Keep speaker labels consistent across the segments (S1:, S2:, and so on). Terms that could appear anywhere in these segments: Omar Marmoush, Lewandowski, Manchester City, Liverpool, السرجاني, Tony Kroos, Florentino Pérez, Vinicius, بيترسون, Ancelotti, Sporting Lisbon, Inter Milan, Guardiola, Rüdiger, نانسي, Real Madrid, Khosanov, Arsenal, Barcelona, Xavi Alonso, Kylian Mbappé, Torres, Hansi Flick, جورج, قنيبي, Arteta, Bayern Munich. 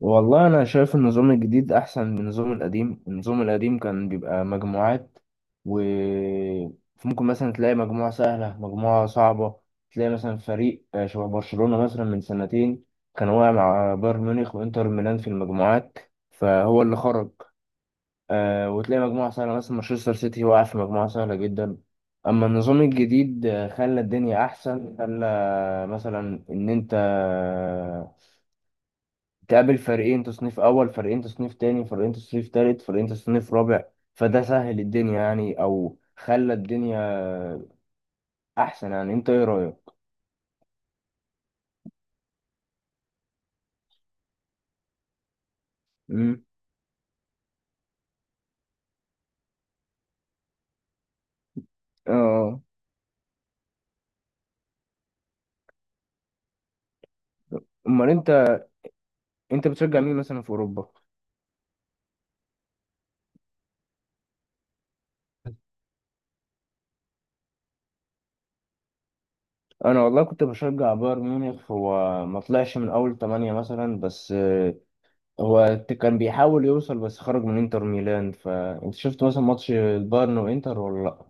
S1: والله أنا شايف النظام الجديد أحسن من النظام القديم. النظام القديم كان بيبقى مجموعات و ممكن مثلا تلاقي مجموعة سهلة مجموعة صعبة. تلاقي مثلا فريق شبه برشلونة مثلا من سنتين كان واقع مع بايرن ميونخ وإنتر ميلان في المجموعات، فهو اللي خرج. وتلاقي مجموعة سهلة مثلا مانشستر سيتي واقع في مجموعة سهلة جدا. أما النظام الجديد خلى الدنيا أحسن، خلى مثلا إن أنت تقابل فريقين تصنيف اول، فريقين تصنيف تاني، فريقين تصنيف تالت، فريقين تصنيف رابع. فده سهل الدنيا يعني، او خلى الدنيا احسن. يعني انت ايه رايك؟ امم. اه. امال انت، انت بتشجع مين مثلا في اوروبا؟ انا والله كنت بشجع بايرن ميونخ، هو ما طلعش من اول تمانية مثلا، بس كان بيحاول يوصل بس خرج من انتر ميلان. فانت شفت مثلا ماتش البايرن وانتر ولا لا؟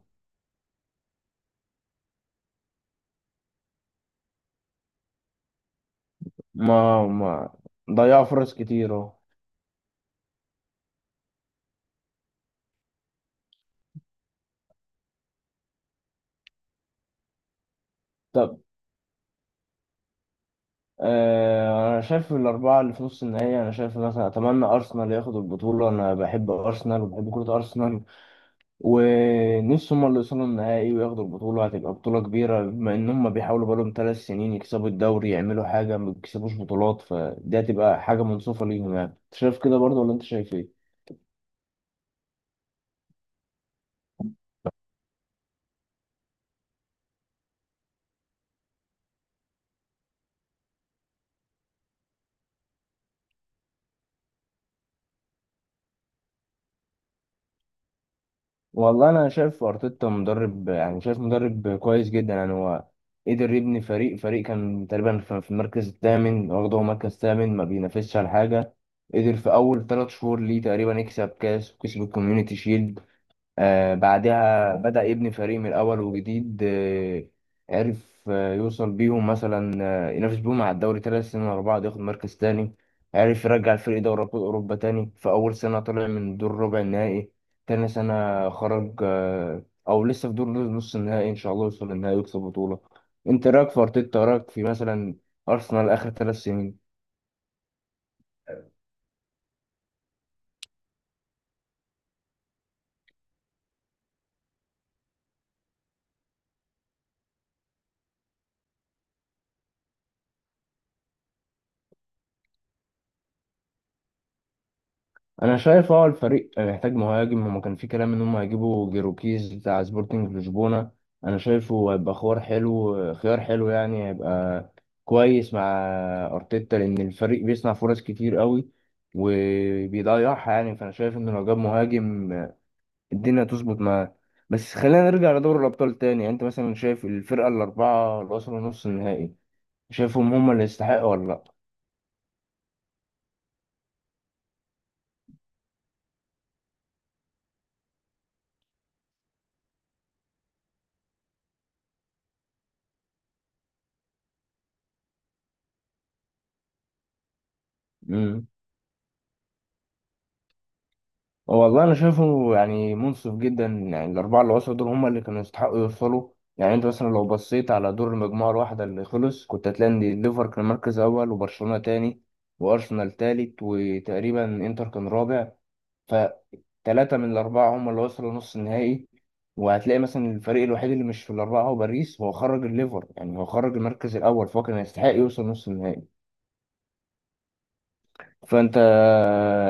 S1: ما ضيعوا فرص كتير اهو. انا شايف الاربعه اللي في نص النهائي، انا شايف مثلا اتمنى ارسنال ياخد البطوله. انا بحب ارسنال وبحب كره ارسنال، ونفسي هم اللي يوصلوا النهائي وياخدوا البطوله. هتبقى بطوله كبيره، بما ان هم بيحاولوا بقالهم 3 سنين يكسبوا الدوري، يعملوا حاجه ما بيكسبوش بطولات، فدي هتبقى حاجه منصفه ليهم. يعني انت شايف كده برضه ولا انت شايف ايه؟ والله انا شايف ارتيتا مدرب، يعني شايف مدرب كويس جدا. يعني هو قدر يبني فريق، كان تقريبا في المركز الثامن، واخده هو مركز ثامن ما بينافسش على حاجه، قدر في اول 3 شهور ليه تقريبا يكسب كاس، وكسب الكوميونيتي شيلد. بعدها بدأ يبني فريق من الأول وجديد. عرف يوصل بيهم مثلا ينافس بيهم على الدوري 3 سنين ورا بعض، ياخد مركز تاني. عرف يرجع الفريق دوري أبطال أوروبا تاني، في أول سنة طلع من دور ربع النهائي، تاني سنة خرج أو لسه في دور نص النهائي إن شاء الله يوصل للنهائي ويكسب بطولة. أنت رأيك في أرتيتا، رأيك في مثلا أرسنال آخر 3 سنين؟ انا شايف الفريق محتاج مهاجم، هما كان في كلام ان هم هيجيبوا جيروكيز بتاع سبورتنج لشبونه. انا شايفه هيبقى خيار حلو، خيار حلو، يعني هيبقى كويس مع ارتيتا، لان الفريق بيصنع فرص كتير قوي وبيضيعها. يعني فانا شايف ان لو جاب مهاجم الدنيا تظبط معاه. بس خلينا نرجع لدوري الابطال تاني. يعني انت مثلا شايف الفرقه الاربعه اللي وصلوا نص النهائي، شايفهم هم اللي يستحقوا ولا لا؟ والله انا شايفه يعني منصف جدا. يعني الاربعه اللي وصلوا دول هم اللي كانوا يستحقوا يوصلوا. يعني انت مثلا لو بصيت على دور المجموعه الواحده اللي خلص، كنت هتلاقي ان الليفر كان مركز اول، وبرشلونه تاني، وارسنال تالت، وتقريبا انتر كان رابع. فتلاته من الاربعه هم اللي وصلوا نص النهائي. وهتلاقي مثلا الفريق الوحيد اللي مش في الاربعه هو باريس، هو خرج الليفر. يعني هو خرج المركز الاول، فهو كان يستحق يوصل نص النهائي. فانت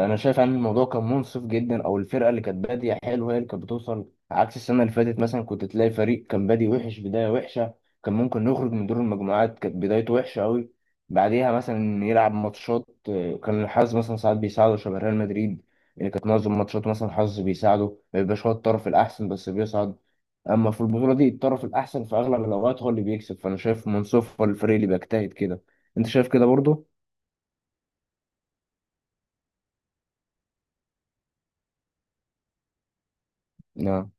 S1: انا شايف ان الموضوع كان منصف جدا، او الفرقه اللي كانت باديه حلوه هي اللي كانت بتوصل، عكس السنه اللي فاتت مثلا كنت تلاقي فريق كان بادي وحش، بدايه وحشه، كان ممكن يخرج من دور المجموعات، كانت بدايته وحشه قوي، بعديها مثلا يلعب ماتشات كان الحظ مثلا ساعات بيساعده شبه ريال مدريد، اللي كانت معظم ماتشات مثلا الحظ بيساعده، ما بيبقاش هو الطرف الاحسن بس بيصعد. اما في البطوله دي الطرف الاحسن في اغلب الاوقات هو اللي بيكسب، فانا شايف منصف، هو الفريق اللي بيجتهد كده. انت شايف كده برضه؟ نعم.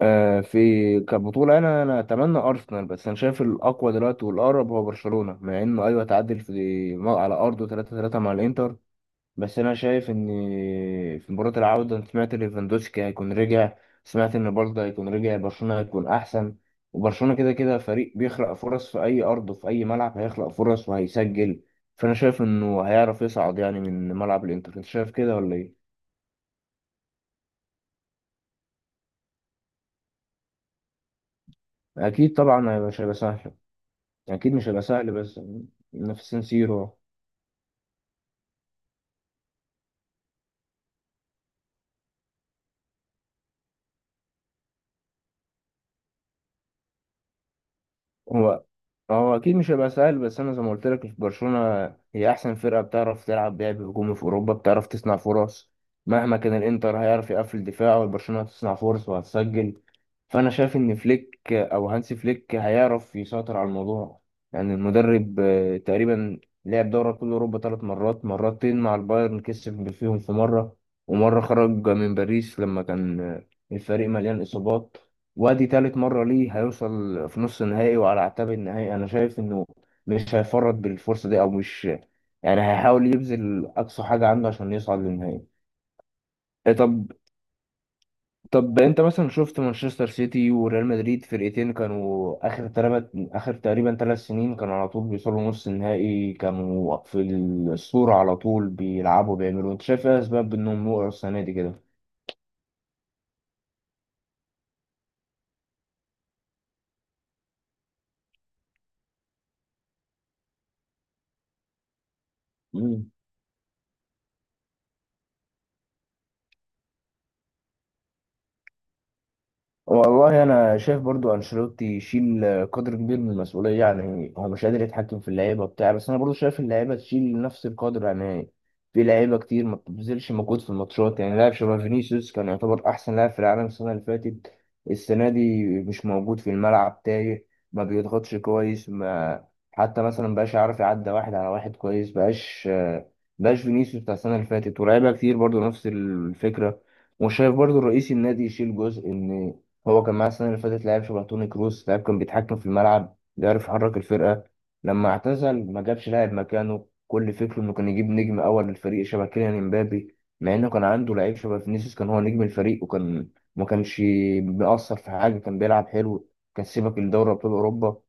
S1: في كبطولة أنا أتمنى أرسنال، بس أنا شايف الأقوى دلوقتي والأقرب هو برشلونة، مع إنه أيوه تعادل في على أرضه 3-3 مع الإنتر. بس أنا شايف إن في مباراة العودة أنا سمعت ليفاندوسكي هيكون رجع، سمعت إن برضه هيكون رجع، برشلونة هيكون أحسن. وبرشلونة كده كده فريق بيخلق فرص في أي أرض، وفي أي ملعب هيخلق فرص وهيسجل. فأنا شايف إنه هيعرف يصعد يعني من ملعب الإنتر. أنت شايف كده ولا إيه؟ أكيد طبعا هيبقى شايف. يعني اكيد مش هيبقى سهل، بس إنه في سان سيرو. هو هو اكيد مش هيبقى سهل، بس انا زي ما قلت لك في برشلونه هي احسن فرقه بتعرف تلعب لعب هجومي في اوروبا، بتعرف تصنع فرص. مهما كان الانتر هيعرف يقفل دفاع، والبرشلونه هتصنع فرص وهتسجل. فانا شايف ان فليك او هانسي فليك هيعرف يسيطر على الموضوع. يعني المدرب تقريبا لعب دوري ابطال اوروبا 3 مرات، مرتين مع البايرن كسب فيهم في مره، ومره خرج من باريس لما كان الفريق مليان اصابات. وادي تالت مرة ليه هيوصل في نص النهائي وعلى اعتاب النهائي. انا شايف انه مش هيفرط بالفرصة دي، او مش، يعني هيحاول يبذل اقصى حاجة عنده عشان يصعد للنهائي. إيه طب. طب انت مثلا شفت مانشستر سيتي وريال مدريد، فرقتين كانوا اخر تلات، اخر تقريبا 3 سنين، كانوا على طول بيوصلوا نص النهائي، كانوا في الصورة على طول بيلعبوا بيعملوا. انت شايف ايه اسباب انهم وقعوا السنة دي كده؟ والله انا شايف برضو انشيلوتي يشيل قدر كبير من المسؤوليه. يعني هو مش قادر يتحكم في اللعيبه بتاع، بس انا برضو شايف اللعيبه تشيل نفس القدر. يعني في لعيبه كتير ما بتبذلش مجهود في الماتشات. يعني لاعب شبه فينيسيوس كان يعتبر احسن لاعب في العالم السنه اللي فاتت، السنه دي مش موجود في الملعب، تايه، ما بيضغطش كويس، ما حتى مثلا بقاش عارف يعدي واحد على واحد كويس، بقاش فينيسيوس بتاع السنه اللي فاتت. ولاعيبه كتير برضو نفس الفكره. وشايف برضو رئيس النادي يشيل جزء، ان هو كان معاه السنة اللي فاتت لاعب شبه توني كروس، لاعب كان بيتحكم في الملعب بيعرف يحرك الفرقة، لما اعتزل ما جابش لاعب مكانه. كل فكره انه كان يجيب نجم اول للفريق شبه كيليان امبابي، مع انه كان عنده لعيب شبه فينيسيوس كان هو نجم الفريق، وكان ما كانش بيأثر في حاجة، كان بيلعب حلو، كان سيبك لدوري ابطال اوروبا.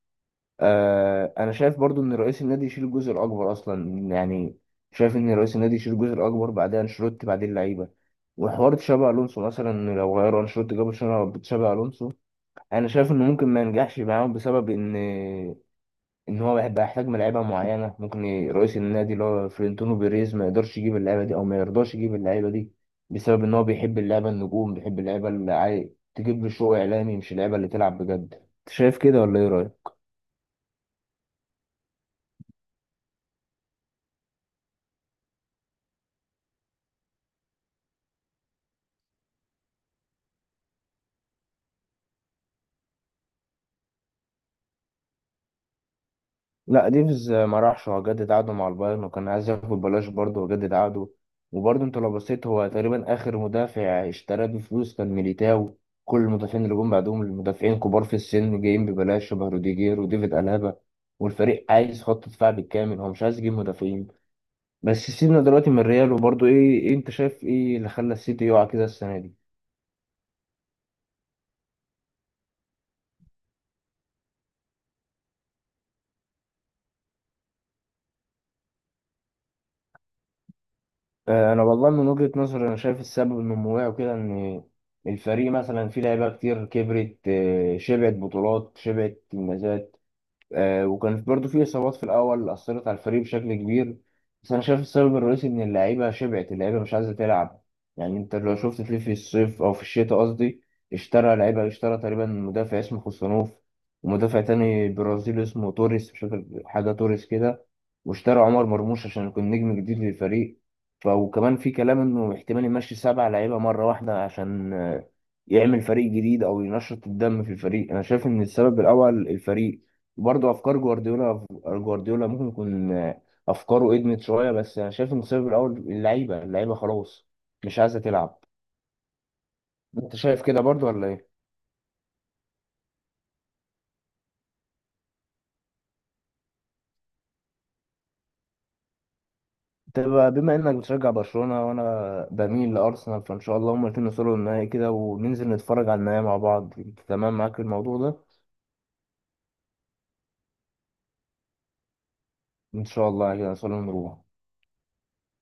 S1: انا شايف برضو ان رئيس النادي يشيل الجزء الاكبر اصلا. يعني شايف ان رئيس النادي يشيل الجزء الاكبر، بعدها انشيلوتي، بعدين اللعيبة. وحوار تشابي الونسو، مثلا لو غيروا انشيلوتي جابوا تشابي الونسو، انا شايف انه ممكن ما ينجحش معاهم، بسبب ان هو هيبقى يحتاج ملاعيبه معينه، ممكن رئيس النادي اللي هو فلورنتينو بيريز ما يقدرش يجيب اللعيبه دي او ما يرضاش يجيب اللعيبه دي، بسبب ان هو بيحب اللعبه النجوم، بيحب اللعبه اللي تجيب له شو اعلامي، مش اللعبه اللي تلعب بجد. انت شايف كده ولا ايه رايك؟ لا، ديفيز ما راحش، هو جدد عقده مع البايرن، وكان عايز ياخد ببلاش برضه، وجدد عقده. وبرضه انت لو بصيت هو تقريبا اخر مدافع اشتراه بفلوس كان ميليتاو. كل المدافعين اللي جم بعدهم المدافعين كبار في السن جايين ببلاش شبه روديجير وديفيد ألابا. والفريق عايز خط دفاع بالكامل، هو مش عايز يجيب مدافعين. بس سيبنا دلوقتي من الريال. وبرضه إيه انت شايف ايه اللي خلى السيتي يقع كده السنة دي؟ انا والله من وجهة نظري انا شايف السبب النموي وكده، ان الفريق مثلا فيه لعيبه كتير كبرت، شبعت بطولات شبعت انجازات، وكانت برضو في إصابات في الأول أثرت على الفريق بشكل كبير. بس أنا شايف السبب الرئيسي إن اللعيبة شبعت، اللعيبة مش عايزة تلعب. يعني أنت لو شفت تلاقي في الصيف، أو في الشتاء قصدي، اشترى لعيبة، اشترى تقريبا مدافع اسمه خوسانوف، ومدافع تاني برازيلي اسمه توريس، مش فاكر حاجة توريس كده، واشترى عمر مرموش عشان يكون نجم جديد للفريق. وكمان في كلام إنه احتمال يمشي 7 لعيبة مرة واحدة عشان يعمل فريق جديد أو ينشط الدم في الفريق. أنا شايف إن السبب الأول الفريق برضه افكار جوارديولا، ممكن يكون افكاره ادمت شويه، بس انا شايف المسبب الاول اللعيبه، اللعيبه خلاص مش عايزه تلعب. انت شايف كده برضه ولا ايه؟ طب بما انك بتشجع برشلونه وانا بميل لارسنال، فان شاء الله هما الاتنين يوصلوا للنهائي كده، وننزل نتفرج على النهائي مع بعض. تمام معاك في الموضوع ده؟ ان شاء الله كده نوصل ونروح.